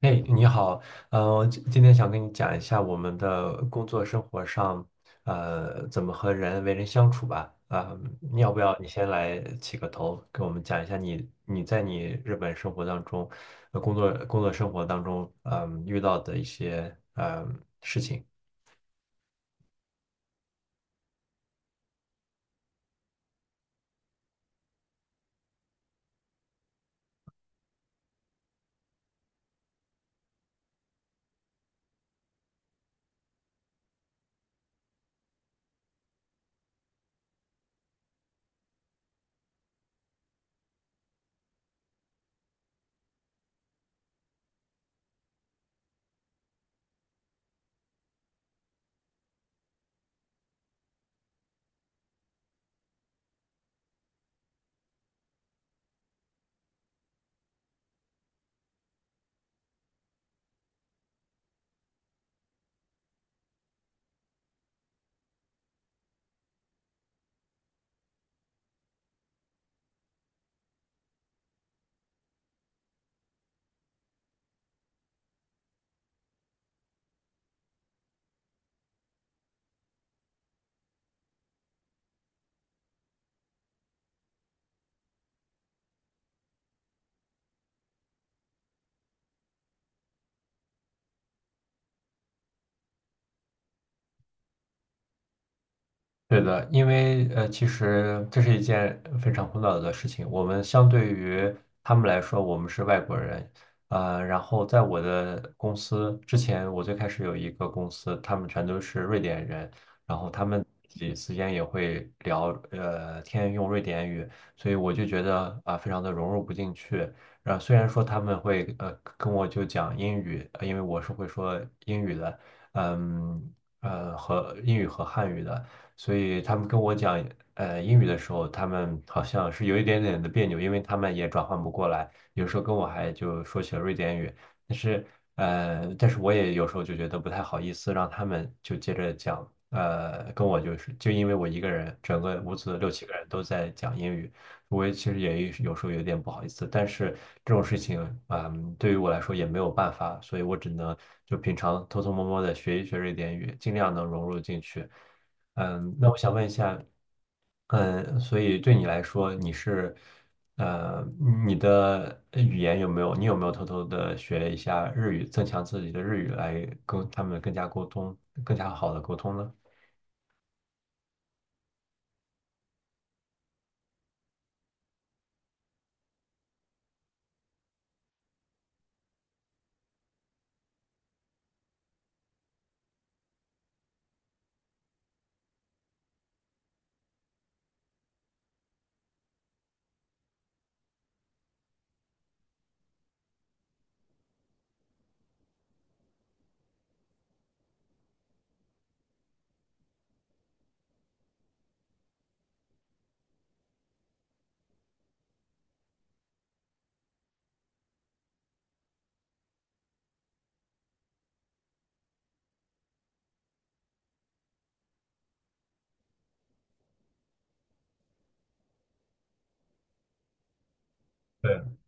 嘿，你好，今天想跟你讲一下我们的工作生活上，怎么和人为人相处吧。啊、你要不要你先来起个头，给我们讲一下你在你日本生活当中，工作生活当中，遇到的一些事情。对的，因为其实这是一件非常苦恼的事情。我们相对于他们来说，我们是外国人。然后在我的公司之前，我最开始有一个公司，他们全都是瑞典人，然后他们自己之间也会聊天用瑞典语，所以我就觉得啊、非常的融入不进去。然后虽然说他们会跟我就讲英语，因为我是会说英语的，嗯和英语和汉语的。所以他们跟我讲英语的时候，他们好像是有一点点的别扭，因为他们也转换不过来，有时候跟我还就说起了瑞典语，但是但是我也有时候就觉得不太好意思，让他们就接着讲，跟我就是就因为我一个人，整个屋子六七个人都在讲英语。我也其实也有时候有点不好意思，但是这种事情，嗯，对于我来说也没有办法，所以我只能就平常偷偷摸摸的学一学瑞典语，尽量能融入进去。嗯，那我想问一下，嗯，所以对你来说，你是，呃，你的语言有没有，你有没有偷偷的学一下日语，增强自己的日语，来跟他们更加沟通，更加好的沟通呢？对。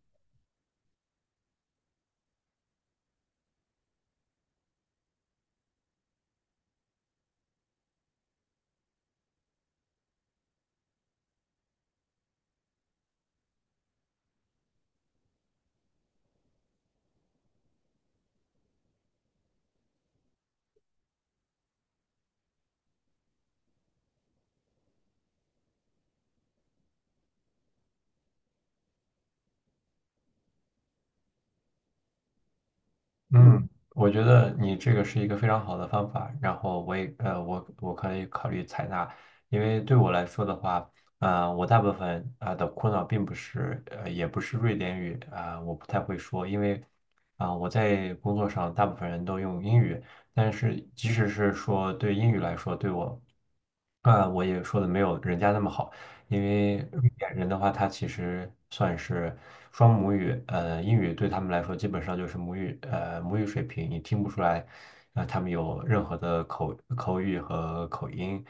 嗯，我觉得你这个是一个非常好的方法，然后我也我可以考虑采纳，因为对我来说的话，我大部分啊、的苦恼并不是也不是瑞典语啊、我不太会说，因为啊、我在工作上大部分人都用英语，但是即使是说对英语来说，对我啊、我也说的没有人家那么好。因为瑞典人的话，他其实算是双母语，英语对他们来说基本上就是母语，母语水平，你听不出来，他们有任何的口语和口音，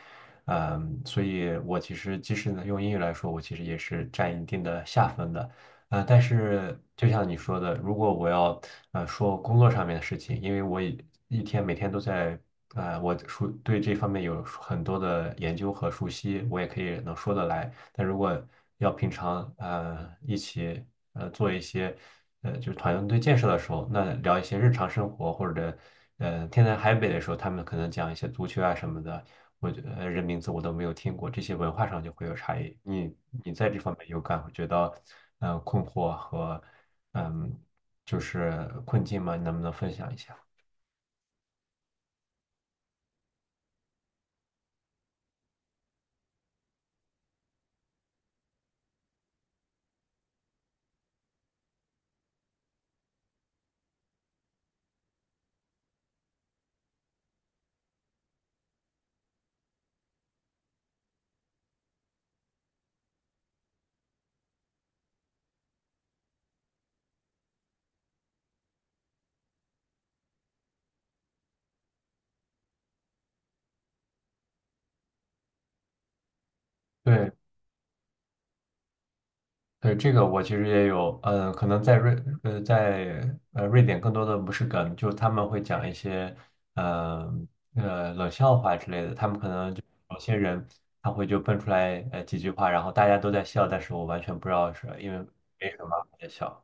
嗯、所以我其实即使呢用英语来说，我其实也是占一定的下分的。但是就像你说的，如果我要说工作上面的事情，因为我一天每天都在我熟对这方面有很多的研究和熟悉，我也可以能说得来。但如果要平常一起做一些就是团队建设的时候，那聊一些日常生活或者天南海北的时候，他们可能讲一些足球啊什么的，我觉得人名字我都没有听过，这些文化上就会有差异。你在这方面有感会觉到，困惑和嗯，就是困境吗？你能不能分享一下？对对，这个我其实也有，嗯，可能在瑞在瑞典更多的不是梗，就是他们会讲一些嗯呃，冷笑话之类的，他们可能就有些人他会就蹦出来几句话，然后大家都在笑，但是我完全不知道是因为为什么在笑。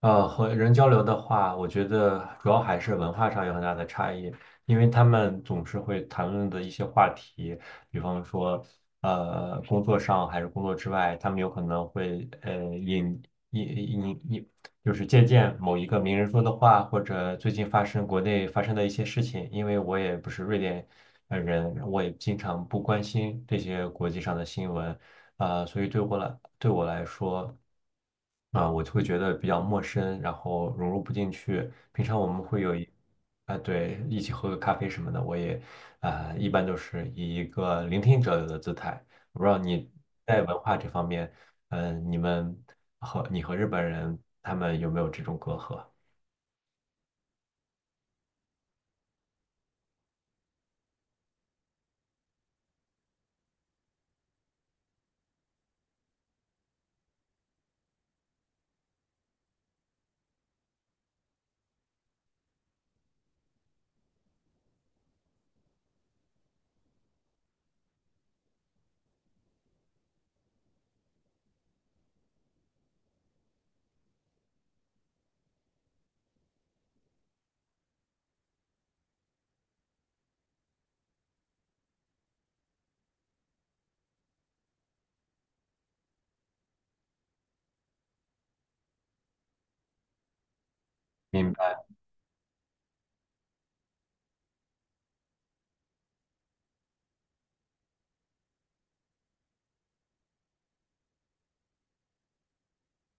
和人交流的话，我觉得主要还是文化上有很大的差异，因为他们总是会谈论的一些话题，比方说，工作上还是工作之外，他们有可能会引引就是借鉴某一个名人说的话，或者最近发生国内发生的一些事情。因为我也不是瑞典人，我也经常不关心这些国际上的新闻，所以对我来说。啊，我就会觉得比较陌生，然后融入不进去。平常我们会有一，啊，对，一起喝个咖啡什么的，我也，啊，一般都是以一个聆听者的姿态。我不知道你在文化这方面，嗯、你们和你和日本人他们有没有这种隔阂？明白，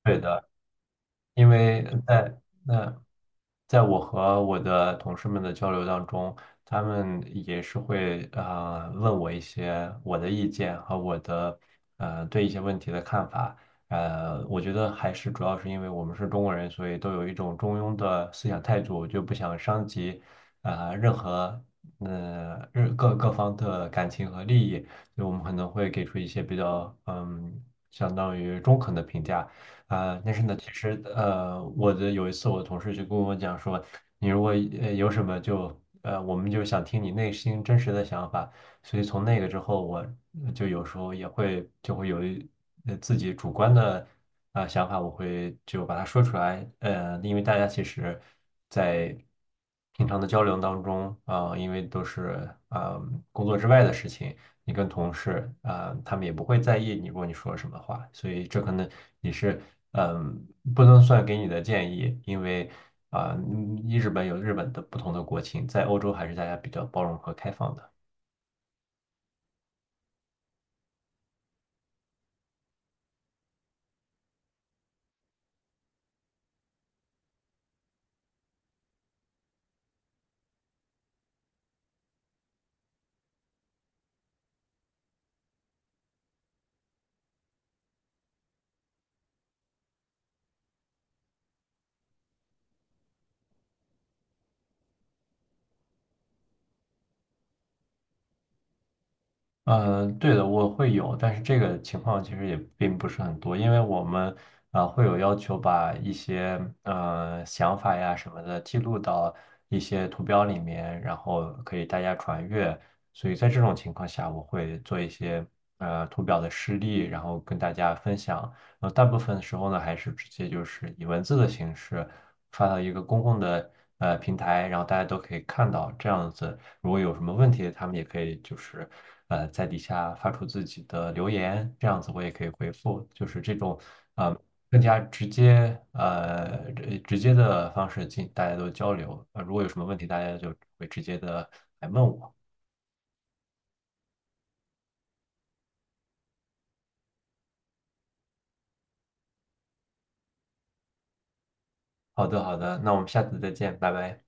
对的。因为在那，在我和我的同事们的交流当中，他们也是会问我一些我的意见和我的对一些问题的看法。我觉得还是主要是因为我们是中国人，所以都有一种中庸的思想态度，就不想伤及任何任各各方的感情和利益，所以我们可能会给出一些比较嗯相当于中肯的评价。啊、但是呢，其实我的有一次我同事就跟我讲说，你如果有什么就我们就想听你内心真实的想法，所以从那个之后，我就有时候也会就会有一自己主观的啊、想法，我会就把它说出来，因为大家其实，在平常的交流当中啊、因为都是啊、工作之外的事情。你跟同事啊、他们也不会在意你，如果你说什么话，所以这可能也是嗯，不能算给你的建议，因为啊、嗯日本有日本的不同的国情，在欧洲还是大家比较包容和开放的。嗯，对的，我会有，但是这个情况其实也并不是很多，因为我们啊、会有要求把一些想法呀什么的记录到一些图标里面，然后可以大家传阅。所以在这种情况下，我会做一些图表的示例，然后跟大家分享。大部分时候呢，还是直接就是以文字的形式发到一个公共的平台，然后大家都可以看到这样子。如果有什么问题，他们也可以就是在底下发出自己的留言，这样子我也可以回复，就是这种呃更加直接直接的方式进大家都交流。如果有什么问题，大家就会直接的来问我。好的，好的，那我们下次再见，拜拜。